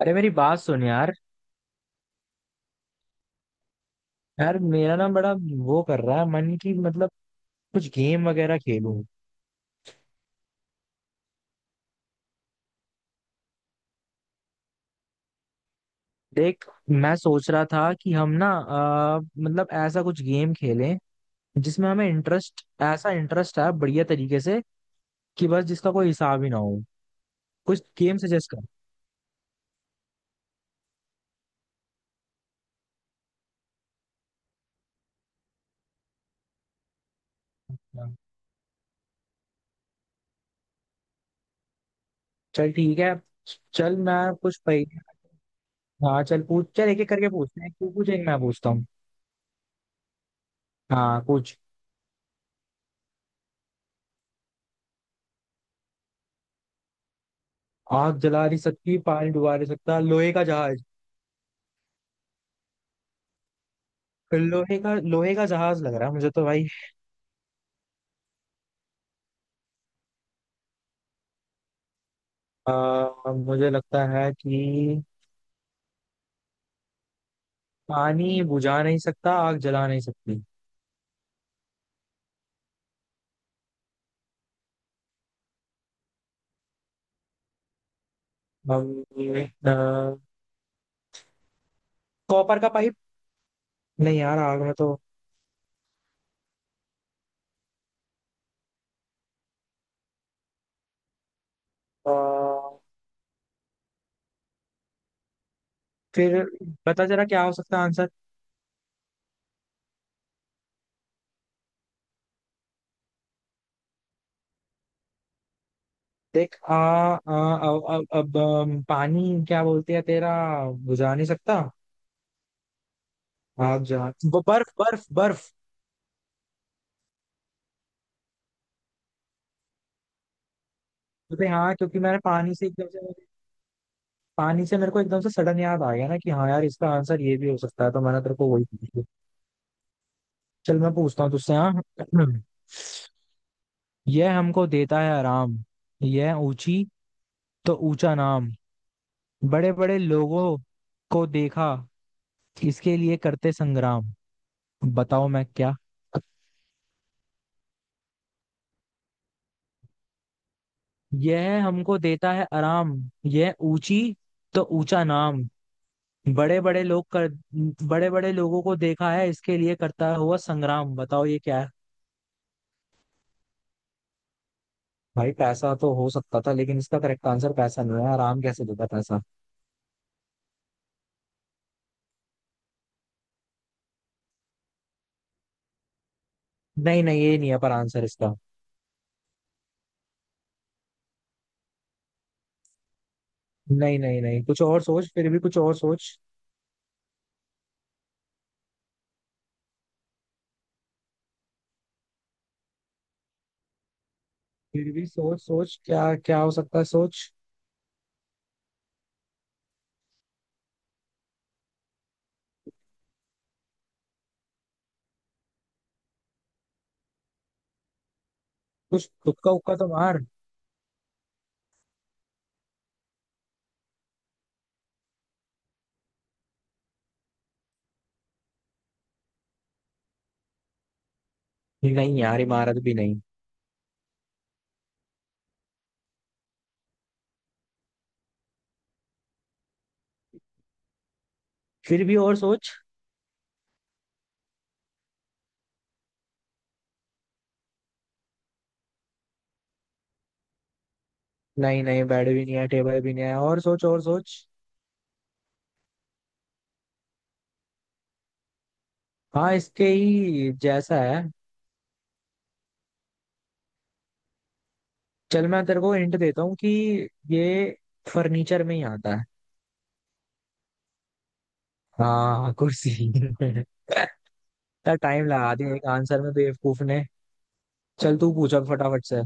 अरे मेरी बात सुन यार। यार मेरा ना बड़ा वो कर रहा है मन की, मतलब कुछ गेम वगैरह खेलूं। देख, मैं सोच रहा था कि हम ना, मतलब ऐसा कुछ गेम खेलें जिसमें हमें इंटरेस्ट, ऐसा इंटरेस्ट है बढ़िया तरीके से कि बस जिसका कोई हिसाब ही ना हो। कुछ गेम सजेस्ट कर। हाँ। चल ठीक है। चल मैं कुछ पह... हाँ चल पूछ। चल एक एक करके पूछते हैं, तू पूछ एक, मैं पूछता हूँ। हाँ पूछ। आग जला नहीं सकती, पानी डुबा नहीं सकता, लोहे का जहाज। लोहे का जहाज लग रहा है मुझे तो भाई। मुझे लगता है कि पानी बुझा नहीं सकता, आग जला नहीं सकती। हम कॉपर का पाइप। नहीं यार, आग में तो अ, फिर पता जरा क्या हो सकता है आंसर। देख, आ, आ, अब पानी क्या बोलते हैं तेरा, बुझा नहीं सकता, आग जला। वो बर्फ बर्फ बर्फ। अरे हाँ, क्योंकि मैंने पानी से एकदम से पानी से मेरे को एकदम से सडन याद आ गया ना कि हाँ यार, इसका आंसर ये भी हो सकता है, तो मैंने तेरे को वही पूछ लिया। चल मैं पूछता हूँ तुझसे। हाँ यह हमको देता है आराम, यह ऊंची तो ऊंचा नाम, बड़े बड़े लोगों को देखा इसके लिए करते संग्राम, बताओ मैं क्या। यह हमको देता है आराम, यह ऊंची तो ऊंचा नाम, बड़े बड़े लोग कर बड़े बड़े लोगों को देखा है इसके लिए करता हुआ संग्राम, बताओ ये क्या है। भाई पैसा तो हो सकता था, लेकिन इसका करेक्ट आंसर पैसा नहीं है। आराम कैसे देता पैसा। नहीं नहीं, ये नहीं है पर आंसर इसका। नहीं नहीं नहीं, कुछ और सोच, फिर भी कुछ और सोच। फिर भी सोच सोच, क्या क्या हो सकता है, सोच। कुछ तुक्का उक्का तो मार। नहीं यार, इमारत भी नहीं। फिर भी और सोच। नहीं नहीं, बेड भी नहीं है, टेबल भी नहीं है, और सोच और सोच। हाँ इसके ही जैसा है। चल मैं तेरे को हिंट देता हूँ कि ये फर्नीचर में ही आता है। हाँ कुर्सी यार टाइम लगा दिया एक आंसर में बेवकूफ ने। चल तू पूछा फटाफट से।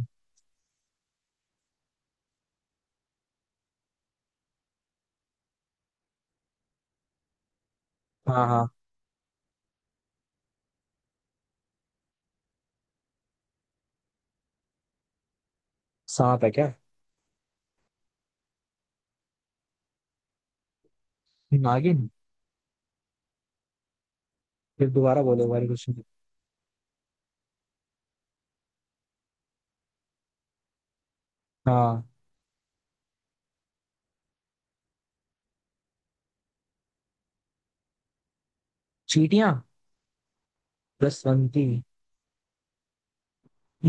हाँ हाँ। सांप है क्या। नागिन। फिर दोबारा बोलो बारी कुछ। हाँ। चींटियां। बसंती।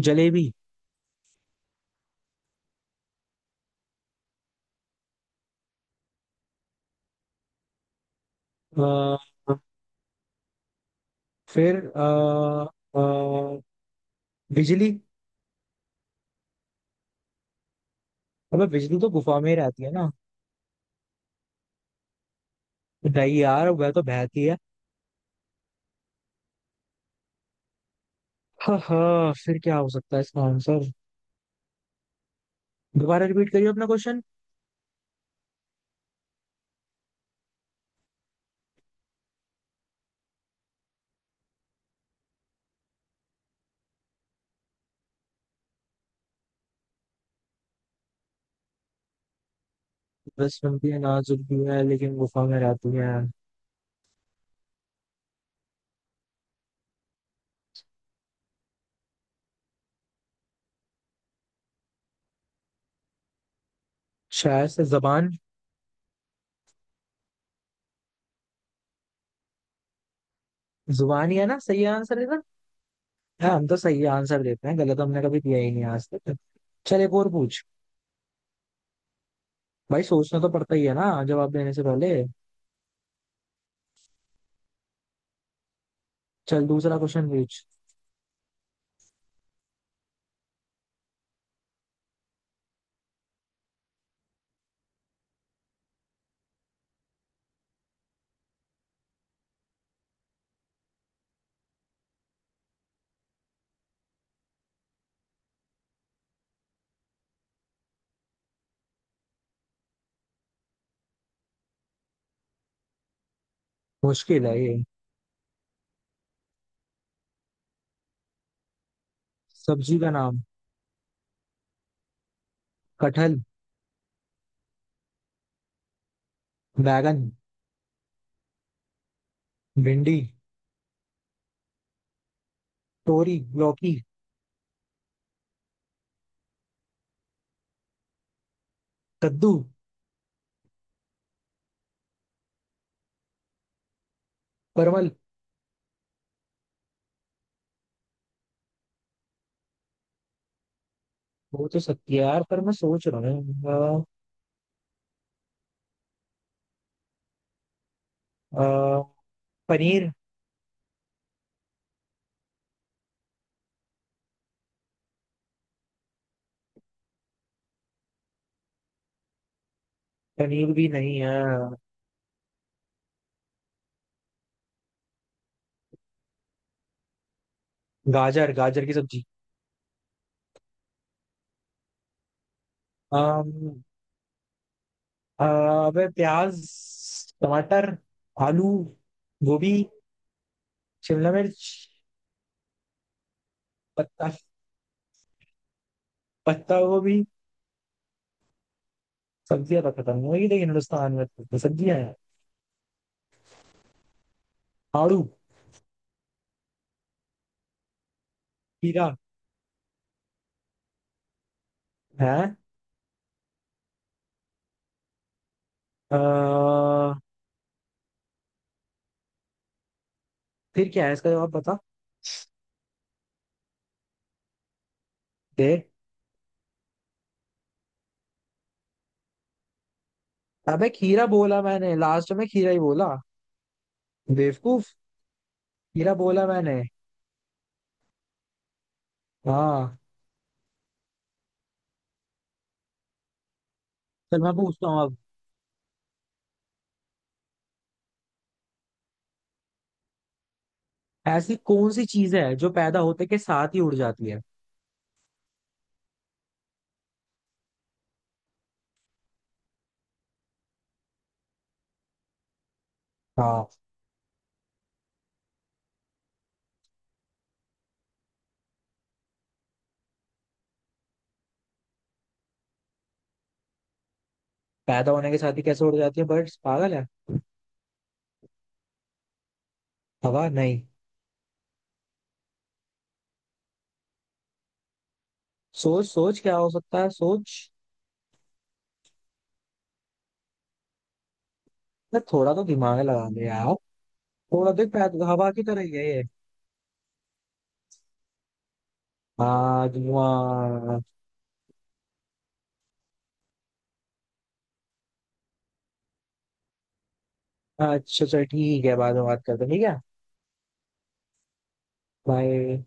जलेबी। आ, फिर आ, आ, बिजली। अबे बिजली तो गुफा में ही रहती है ना। नहीं यार, वह तो बहती है। हाँ हाँ, फिर क्या हो सकता है इसका आंसर। दोबारा रिपीट करिए अपना क्वेश्चन। बस बनती है नाजुक भी है लेकिन गुफा में रहती है। शायद से जबान। जुबान ही है ना, सही आंसर है ना। हाँ, हम तो सही आंसर देते हैं, गलत हमने कभी दिया ही नहीं आज तक। चल एक और पूछ। भाई सोचना तो पड़ता ही है ना जवाब देने से पहले। चल दूसरा क्वेश्चन पूछ। मुश्किल है ये। सब्जी का नाम। कटहल। बैगन। भिंडी। तोरी, लौकी। कद्दू। परवल। हो तो सकती है यार पर मैं सोच रहा हूँ। अ, अ, पनीर। पनीर भी नहीं है। गाजर, गाजर की सब्जी। अम, अबे प्याज। टमाटर। आलू। गोभी। शिमला मिर्च। पत्ता, पत्ता गोभी। सब्जियां तो खत्म हो गई, लेकिन हिंदुस्तान में तो सब्जियां हैं। आड़ू। खीरा। है। अ, फिर क्या है इसका जवाब, बता दे। अबे खीरा बोला मैंने, लास्ट में खीरा ही बोला। बेवकूफ, खीरा बोला मैंने। हाँ। चल मैं पूछता हूँ अब। ऐसी कौन सी चीज है जो पैदा होते के साथ ही उड़ जाती है। हाँ। पैदा होने के साथ ही कैसे उड़ जाती है, बर्ड्स पागल है। हवा नहीं। सोच सोच क्या हो सकता है, सोच। मैं थोड़ा तो दिमाग लगा ले यार। थोड़ा देख, पैदा तो हवा की तरह ही है ये। हाँ, धुआं। अच्छा चल ठीक है, बाद में बात करते हैं, ठीक है। बाय।